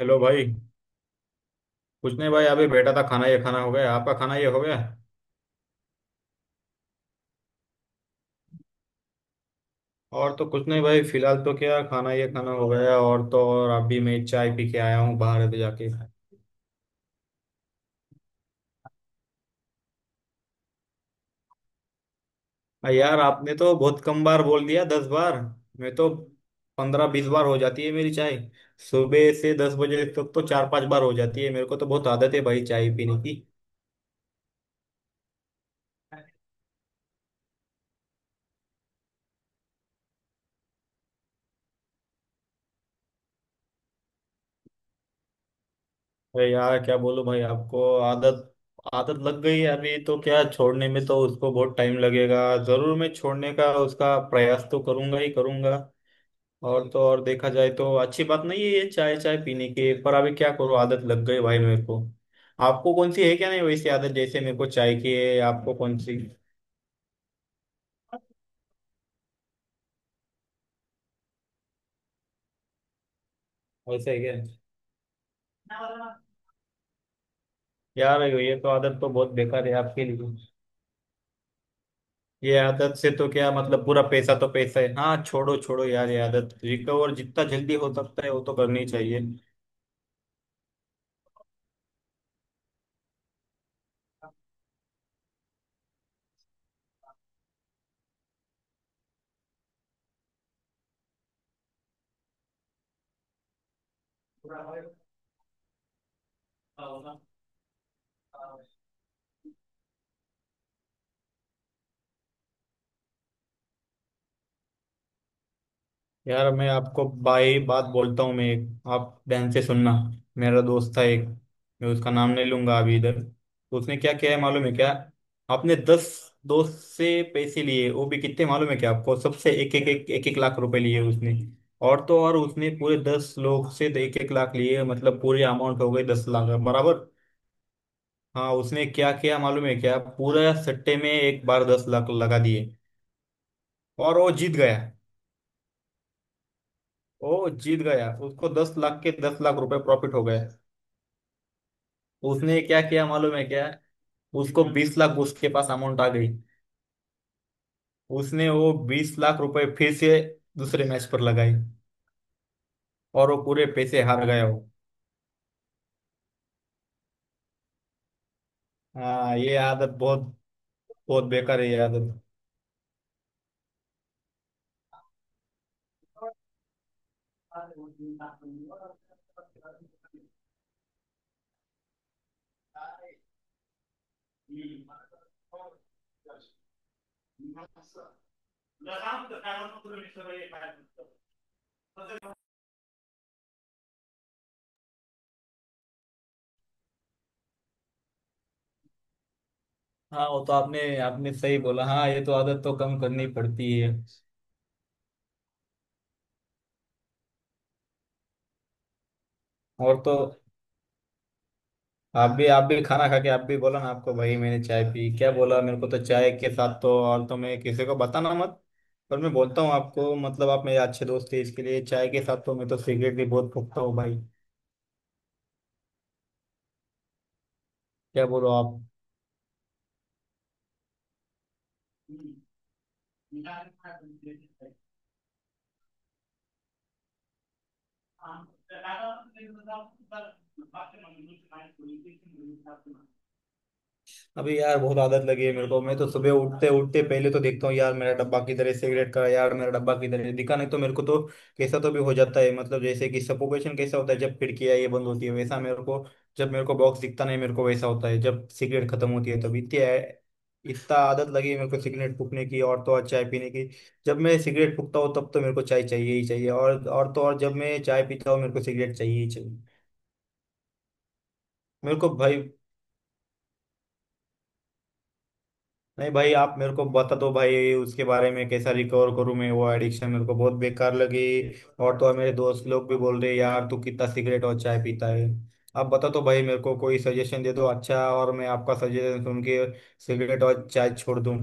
Hello भाई। कुछ नहीं भाई, अभी बैठा था। खाना हो गया, आपका खाना ये हो गया? और तो कुछ नहीं भाई, फिलहाल तो क्या, खाना हो गया। और तो और अभी मैं चाय पी के आया हूँ, बाहर अभी जाके। यार आपने तो बहुत कम बार बोल दिया, 10 बार। मैं तो 15 20 बार हो जाती है मेरी चाय। सुबह से 10 बजे तक तो 4 5 बार हो जाती है। मेरे को तो बहुत आदत है भाई चाय पीने की। भाई यार क्या बोलूं भाई आपको, आदत आदत लग गई है, अभी तो क्या छोड़ने में तो उसको बहुत टाइम लगेगा। जरूर, मैं छोड़ने का उसका प्रयास तो करूंगा ही करूंगा। और तो और देखा जाए तो अच्छी बात नहीं है ये चाय चाय पीने की, पर अभी क्या करूं, आदत लग गई भाई मेरे को। आपको कौन सी है, क्या नहीं, वैसी आदत जैसे मेरे को चाय की है? आपको कौन सी? वैसे है क्या? यार ये तो आदत तो बहुत बेकार है आपके लिए। ये आदत से तो क्या मतलब, पूरा पैसा तो पैसा है। हाँ, छोड़ो छोड़ो यार ये आदत, रिकवर जितना जल्दी हो सकता है वो तो करनी चाहिए। यार मैं आपको बाई बात बोलता हूँ, मैं एक, आप ध्यान से सुनना। मेरा दोस्त था एक, मैं उसका नाम नहीं लूंगा अभी इधर, तो उसने क्या किया है मालूम है क्या? आपने 10 दोस्त से पैसे लिए, वो भी कितने मालूम है क्या आपको, सबसे एक एक एक एक एक लाख रुपए लिए उसने। और तो और उसने पूरे 10 लोग से 1-1 लाख लिए, मतलब पूरी अमाउंट हो गई 10 लाख बराबर। हाँ उसने क्या किया मालूम है क्या, पूरा सट्टे में एक बार 10 लाख लगा दिए। और वो जीत गया, वो जीत गया, उसको 10 लाख के 10 लाख रुपए प्रॉफिट हो गए। उसने क्या किया मालूम है क्या, उसको 20 लाख, उसके पास अमाउंट आ गई। उसने वो 20 लाख रुपए फिर से दूसरे मैच पर लगाई, और वो पूरे पैसे हार गया वो। हाँ ये आदत बहुत बहुत बेकार है ये आदत। हाँ वो तो आपने आपने सही बोला। हाँ ये तो आदत तो कम करनी पड़ती है। और तो आप भी खाना खा के, आप भी बोला ना आपको भाई, मैंने चाय पी क्या बोला मेरे को, तो चाय के साथ तो, और तो मैं किसी को बताना मत, पर मैं बोलता हूँ आपको मतलब आप मेरे अच्छे दोस्त थे इसके लिए, चाय के साथ तो मैं तो सिगरेट भी बहुत फूकता हूँ भाई। क्या बोलो आप? अभी यार बहुत आदत लगी है मेरे को, मैं तो सुबह उठते उठते पहले तो देखता हूँ यार मेरा डब्बा किधर है, सिगरेट का, यार मेरा डब्बा किधर है, दिखा नहीं तो मेरे को तो कैसा तो भी हो जाता है। मतलब जैसे कि सफोकेशन कैसा होता है जब खिड़कियां ये बंद होती है, वैसा मेरे को जब मेरे को बॉक्स दिखता नहीं मेरे को, वैसा होता है जब सिगरेट खत्म होती है। तब इतनी इतना आदत लगी है मेरे को सिगरेट फूकने की और तो और चाय पीने की। जब मैं सिगरेट फूकता हूँ तब तो मेरे को चाय चाहिए ही चाहिए, और तो और जब मैं चाय पीता हूँ मेरे को सिगरेट चाहिए ही चाहिए। मेरे को भाई, नहीं भाई आप मेरे को बता दो भाई उसके बारे में, कैसा रिकवर करूं मैं, वो एडिक्शन मेरे को बहुत बेकार लगी। और तो और मेरे दोस्त लोग भी बोल रहे यार तू कितना सिगरेट और चाय पीता है। आप बता दो भाई मेरे को, कोई सजेशन दे दो अच्छा, और मैं आपका सजेशन सुन के सिगरेट और चाय छोड़ दूं।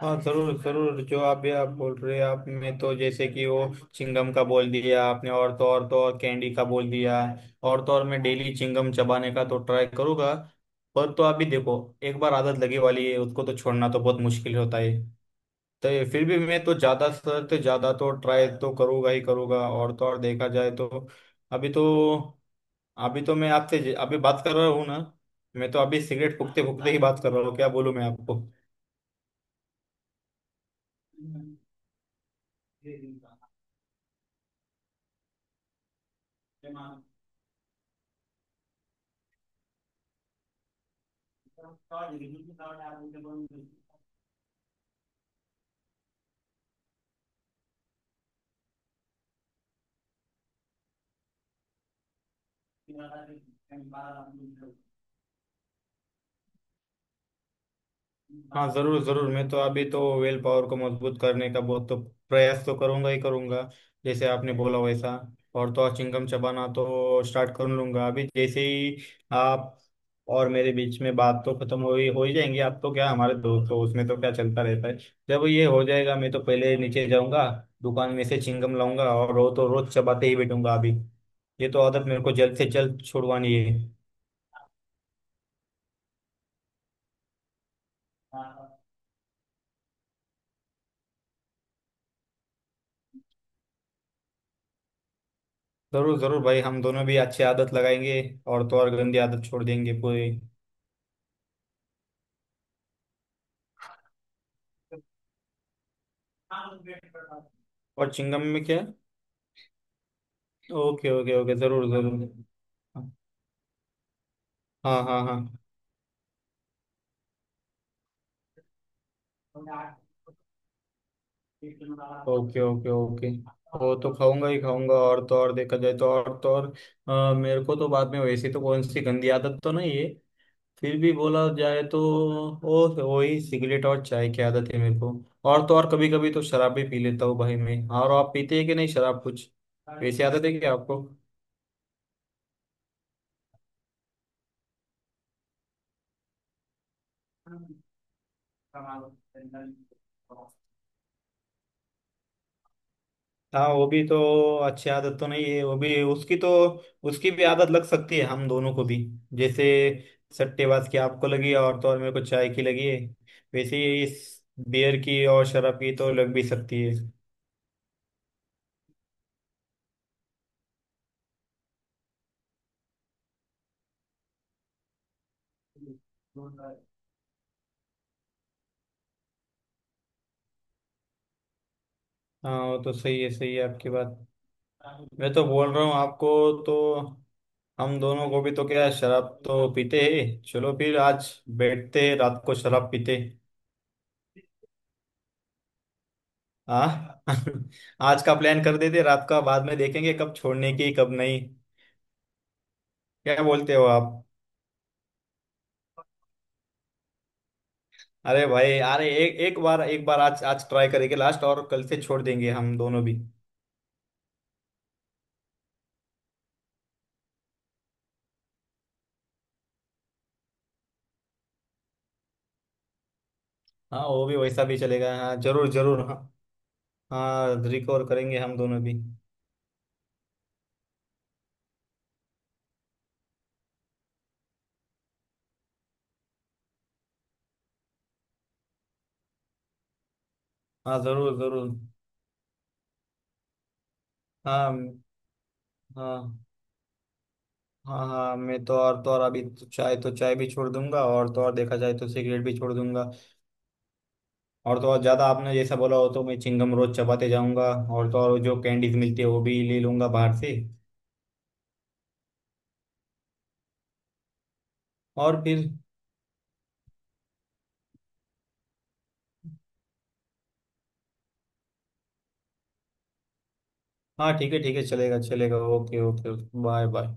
हाँ जरूर जरूर, जो आप ये आप बोल रहे हैं आप में, तो जैसे कि वो चिंगम का बोल दिया आपने, और तो और तो और कैंडी का बोल दिया। और तो और मैं डेली चिंगम चबाने का तो ट्राई करूंगा। पर तो अभी देखो, एक बार आदत लगी वाली है उसको तो छोड़ना तो बहुत मुश्किल होता है। तो ये फिर भी मैं तो ज्यादा तो ट्राई तो करूंगा ही करूंगा। और तो और देखा जाए तो अभी तो, अभी तो मैं आपसे अभी बात कर रहा हूँ ना, मैं तो अभी सिगरेट फूकते फूकते ही बात कर रहा हूँ, क्या बोलूँ मैं आपको। हाँ जरूर जरूर, मैं तो अभी तो वेल पावर को मजबूत करने का बहुत तो प्रयास तो करूंगा ही करूंगा, जैसे आपने बोला वैसा। और तो और चिंगम चबाना तो स्टार्ट कर लूंगा अभी जैसे ही। आप और मेरे बीच में बात तो खत्म हो ही जाएंगी, आप तो क्या हमारे दोस्त हो, उसमें तो क्या चलता रहता है। जब ये हो जाएगा मैं तो पहले नीचे जाऊंगा, दुकान में से चिंगम लाऊंगा, और रोज तो रोज चबाते ही बैठूंगा अभी। ये तो आदत मेरे को जल्द से जल्द छुड़वानी है। जरूर जरूर भाई, हम दोनों भी अच्छी आदत लगाएंगे, और तो और गंदी आदत छोड़ देंगे पूरी। और चिंगम में क्या है? ओके ओके ओके, जरूर जरूर। हाँ हाँ हाँ। Okay okay okay. वो तो खाऊंगा ही खाऊंगा, और तो और देखा जाए तो और तो और, मेरे को तो बाद में वैसी तो कौन सी गंदी आदत तो नहीं है। फिर भी बोला जाए तो वो वही सिगरेट और चाय की आदत है मेरे को, और तो और कभी कभी तो शराब भी पी लेता हूँ भाई मैं। और आप पीते हैं कि नहीं शराब, कुछ वैसी आदत है क्या आपको? हाँ वो भी तो अच्छी आदत तो नहीं है वो भी, उसकी तो, उसकी भी आदत लग सकती है हम दोनों को भी, जैसे सट्टेबाज की आपको लगी और तो और मेरे को चाय की लगी है, वैसे ही इस बियर की और शराब की तो लग भी सकती है। हाँ वो तो सही है आपकी बात। मैं तो बोल रहा हूँ आपको, तो हम दोनों को भी तो क्या है, शराब तो पीते हैं, चलो फिर आज बैठते हैं रात को शराब पीते हैं। हाँ। आज का प्लान कर देते हैं, रात का बाद में देखेंगे कब छोड़ने की, कब नहीं। क्या बोलते हो आप? अरे भाई अरे, एक एक बार आज आज ट्राई करेंगे लास्ट, और कल से छोड़ देंगे हम दोनों भी। हाँ वो भी वैसा भी चलेगा, हाँ जरूर जरूर हाँ। हाँ रिकवर करेंगे हम दोनों भी। हाँ जरूर जरूर। हाँ हाँ हाँ। हाँ मैं तो और अभी तो चाय भी छोड़ दूंगा, और तो और देखा जाए तो सिगरेट भी छोड़ दूंगा। और तो और ज़्यादा आपने जैसा बोला हो तो मैं चिंगम रोज चबाते जाऊंगा, और तो और जो कैंडीज मिलती है वो भी ले लूंगा बाहर से। और फिर, हाँ ठीक है ठीक है, चलेगा चलेगा, ओके ओके। Bye bye.